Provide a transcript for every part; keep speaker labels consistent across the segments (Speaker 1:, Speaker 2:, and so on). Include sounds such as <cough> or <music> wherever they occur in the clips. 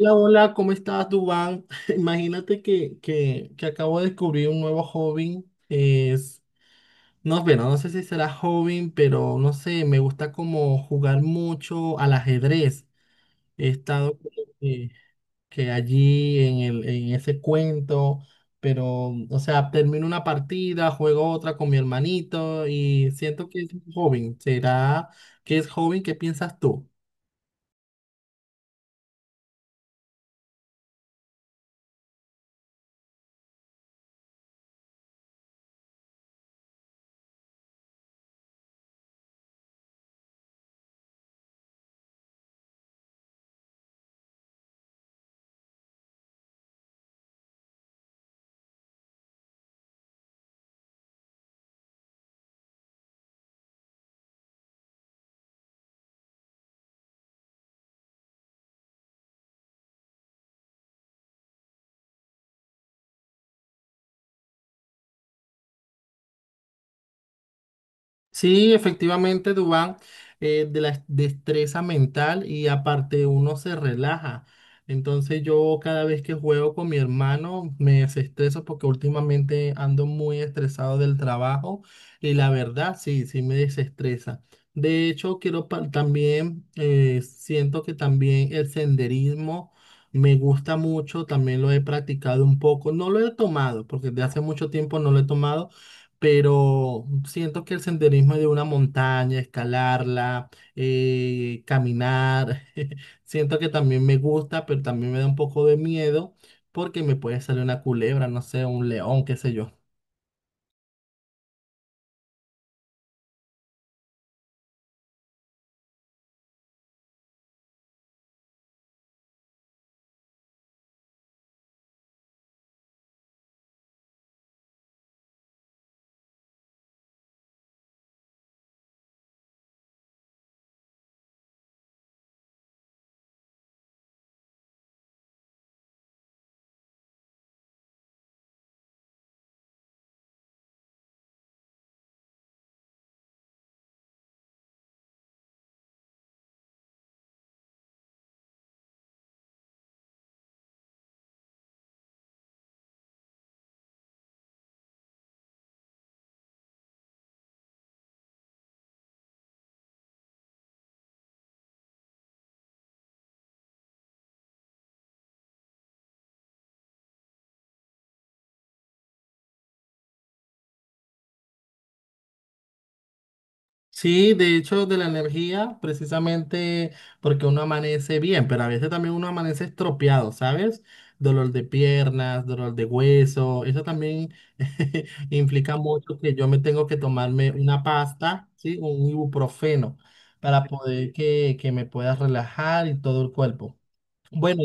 Speaker 1: Hola, hola, ¿cómo estás, Dubán? <laughs> Imagínate que acabo de descubrir un nuevo hobby. Es, no, bueno, no sé si será hobby, pero no sé, me gusta como jugar mucho al ajedrez. He estado como que, que allí en ese cuento, pero, o sea, termino una partida, juego otra con mi hermanito y siento que es un hobby. ¿Será que es hobby? ¿Qué piensas tú? Sí, efectivamente, Dubán, de la destreza mental y aparte uno se relaja. Entonces yo cada vez que juego con mi hermano me desestreso porque últimamente ando muy estresado del trabajo y la verdad sí, sí me desestresa. De hecho, también, siento que también el senderismo me gusta mucho, también lo he practicado un poco, no lo he tomado porque de hace mucho tiempo no lo he tomado, pero siento que el senderismo de una montaña, escalarla, caminar, <laughs> siento que también me gusta, pero también me da un poco de miedo porque me puede salir una culebra, no sé, un león, qué sé yo. Sí, de hecho, de la energía, precisamente porque uno amanece bien, pero a veces también uno amanece estropeado, ¿sabes? Dolor de piernas, dolor de hueso, eso también <laughs> implica mucho que yo me tengo que tomarme una pasta, ¿sí? Un ibuprofeno para poder que me pueda relajar y todo el cuerpo. Bueno,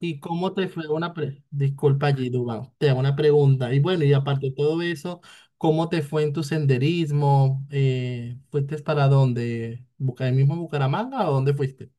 Speaker 1: ¿y cómo te fue una pre... Disculpa allí, Dubán, te hago una pregunta. Y bueno, y aparte de todo eso, ¿cómo te fue en tu senderismo? ¿Fuiste para dónde? Ahí mismo en Bucaramanga o dónde fuiste?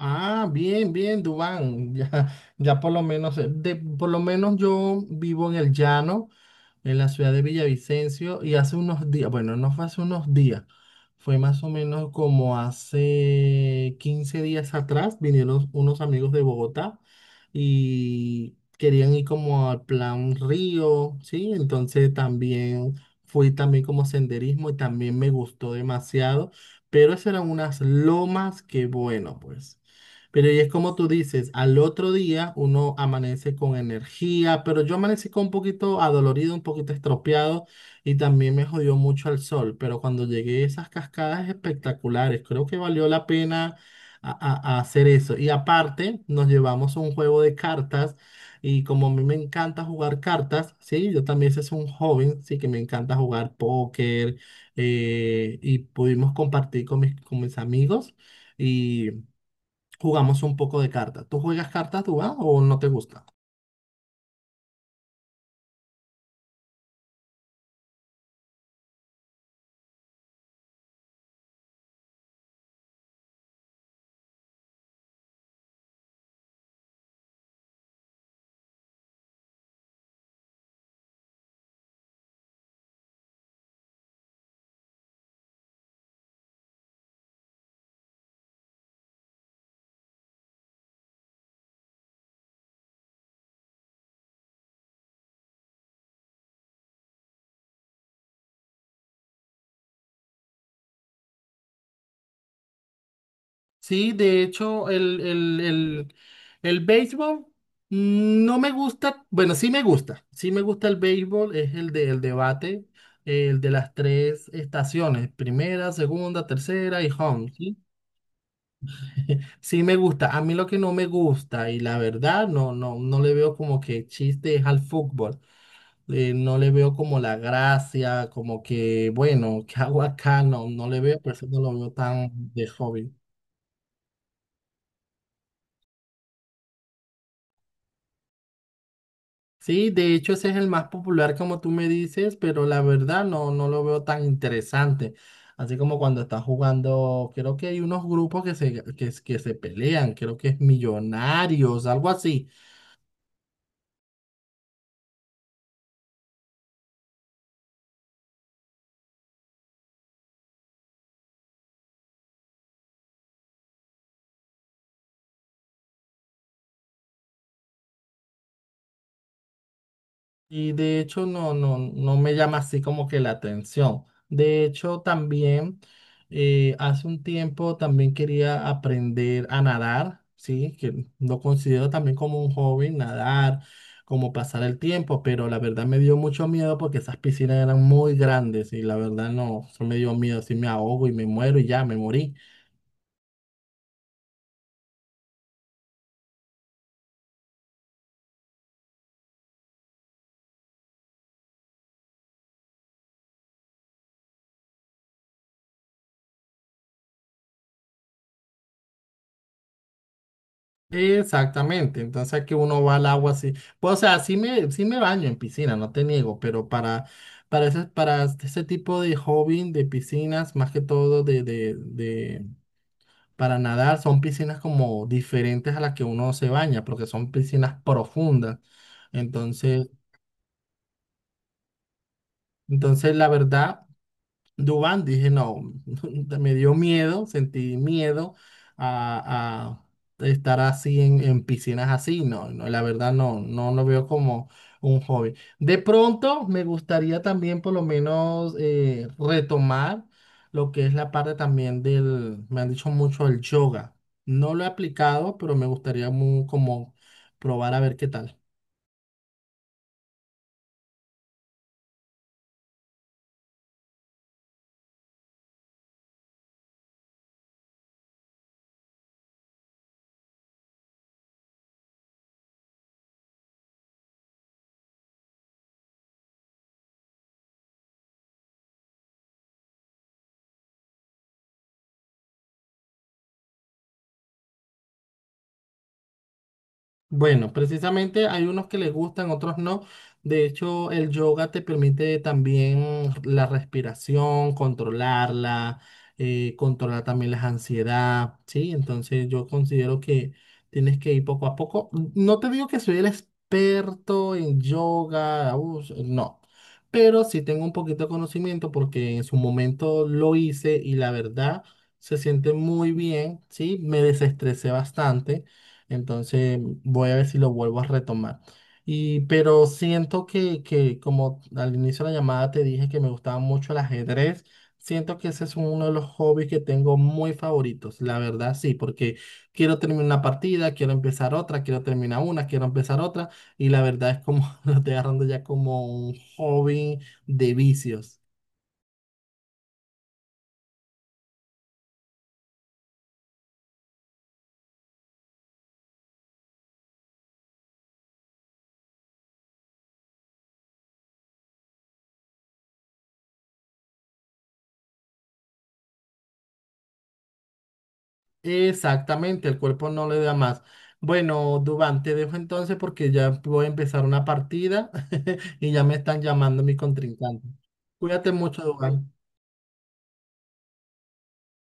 Speaker 1: Ah, bien, bien, Dubán. <laughs> Ya, ya por lo menos, por lo menos yo vivo en el llano, en la ciudad de Villavicencio, y hace unos días, bueno, no fue hace unos días, fue más o menos como hace 15 días atrás, vinieron unos amigos de Bogotá y querían ir como al plan Río, ¿sí? Entonces también fui también como senderismo y también me gustó demasiado, pero esas eran unas lomas que bueno, pues. Pero y es como tú dices, al otro día uno amanece con energía, pero yo amanecí con un poquito adolorido, un poquito estropeado y también me jodió mucho el sol. Pero cuando llegué a esas cascadas espectaculares, creo que valió la pena a hacer eso. Y aparte, nos llevamos un juego de cartas y como a mí me encanta jugar cartas, sí, yo también ese es un joven, sí, que me encanta jugar póker, y pudimos compartir con con mis amigos. Y jugamos un poco de cartas. ¿Tú juegas cartas, Dubán, o no te gusta? Sí, de hecho, el béisbol no me gusta, bueno, sí me gusta el béisbol, es el del debate, el de las tres estaciones, primera, segunda, tercera y home, ¿sí? <laughs> Sí me gusta, a mí lo que no me gusta y la verdad no, no, no le veo como que chiste es al fútbol. Eh, no le veo como la gracia, como que, bueno, ¿qué hago acá? No, no le veo, por eso no lo veo tan de hobby. Sí, de hecho ese es el más popular como tú me dices, pero la verdad no, no lo veo tan interesante. Así como cuando estás jugando, creo que hay unos grupos que se pelean, creo que es Millonarios, algo así. Y de hecho no, no, no me llama así como que la atención. De hecho también, hace un tiempo también quería aprender a nadar, ¿sí? Que lo considero también como un hobby, nadar, como pasar el tiempo, pero la verdad me dio mucho miedo porque esas piscinas eran muy grandes y la verdad no, eso me dio miedo, si me ahogo y me muero y ya, me morí. Exactamente, entonces aquí uno va al agua así, pues, o sea, sí me baño en piscina, no te niego, pero para ese tipo de hobby de piscinas, más que todo para nadar, son piscinas como diferentes a las que uno se baña, porque son piscinas profundas, entonces, entonces la verdad. Dubán, dije, no, <laughs> me dio miedo, sentí miedo a, a estar así en piscinas así, no, no, la verdad no, no lo veo como un hobby. De pronto me gustaría también por lo menos, retomar lo que es la parte también del, me han dicho mucho el yoga. No lo he aplicado, pero me gustaría como probar a ver qué tal. Bueno, precisamente hay unos que les gustan, otros no. De hecho, el yoga te permite también la respiración, controlarla, controlar también la ansiedad, ¿sí? Entonces yo considero que tienes que ir poco a poco. No te digo que soy el experto en yoga, no, pero sí tengo un poquito de conocimiento porque en su momento lo hice y la verdad se siente muy bien, ¿sí? Me desestresé bastante. Entonces voy a ver si lo vuelvo a retomar. Y, pero siento que como al inicio de la llamada te dije que me gustaba mucho el ajedrez, siento que ese es uno de los hobbies que tengo muy favoritos, la verdad sí, porque quiero terminar una partida, quiero empezar otra, quiero terminar una, quiero empezar otra, y la verdad es como <laughs> lo estoy agarrando ya como un hobby de vicios. Exactamente, el cuerpo no le da más. Bueno, Dubán, te dejo entonces porque ya voy a empezar una partida <laughs> y ya me están llamando mi contrincante. Cuídate mucho, Dubán.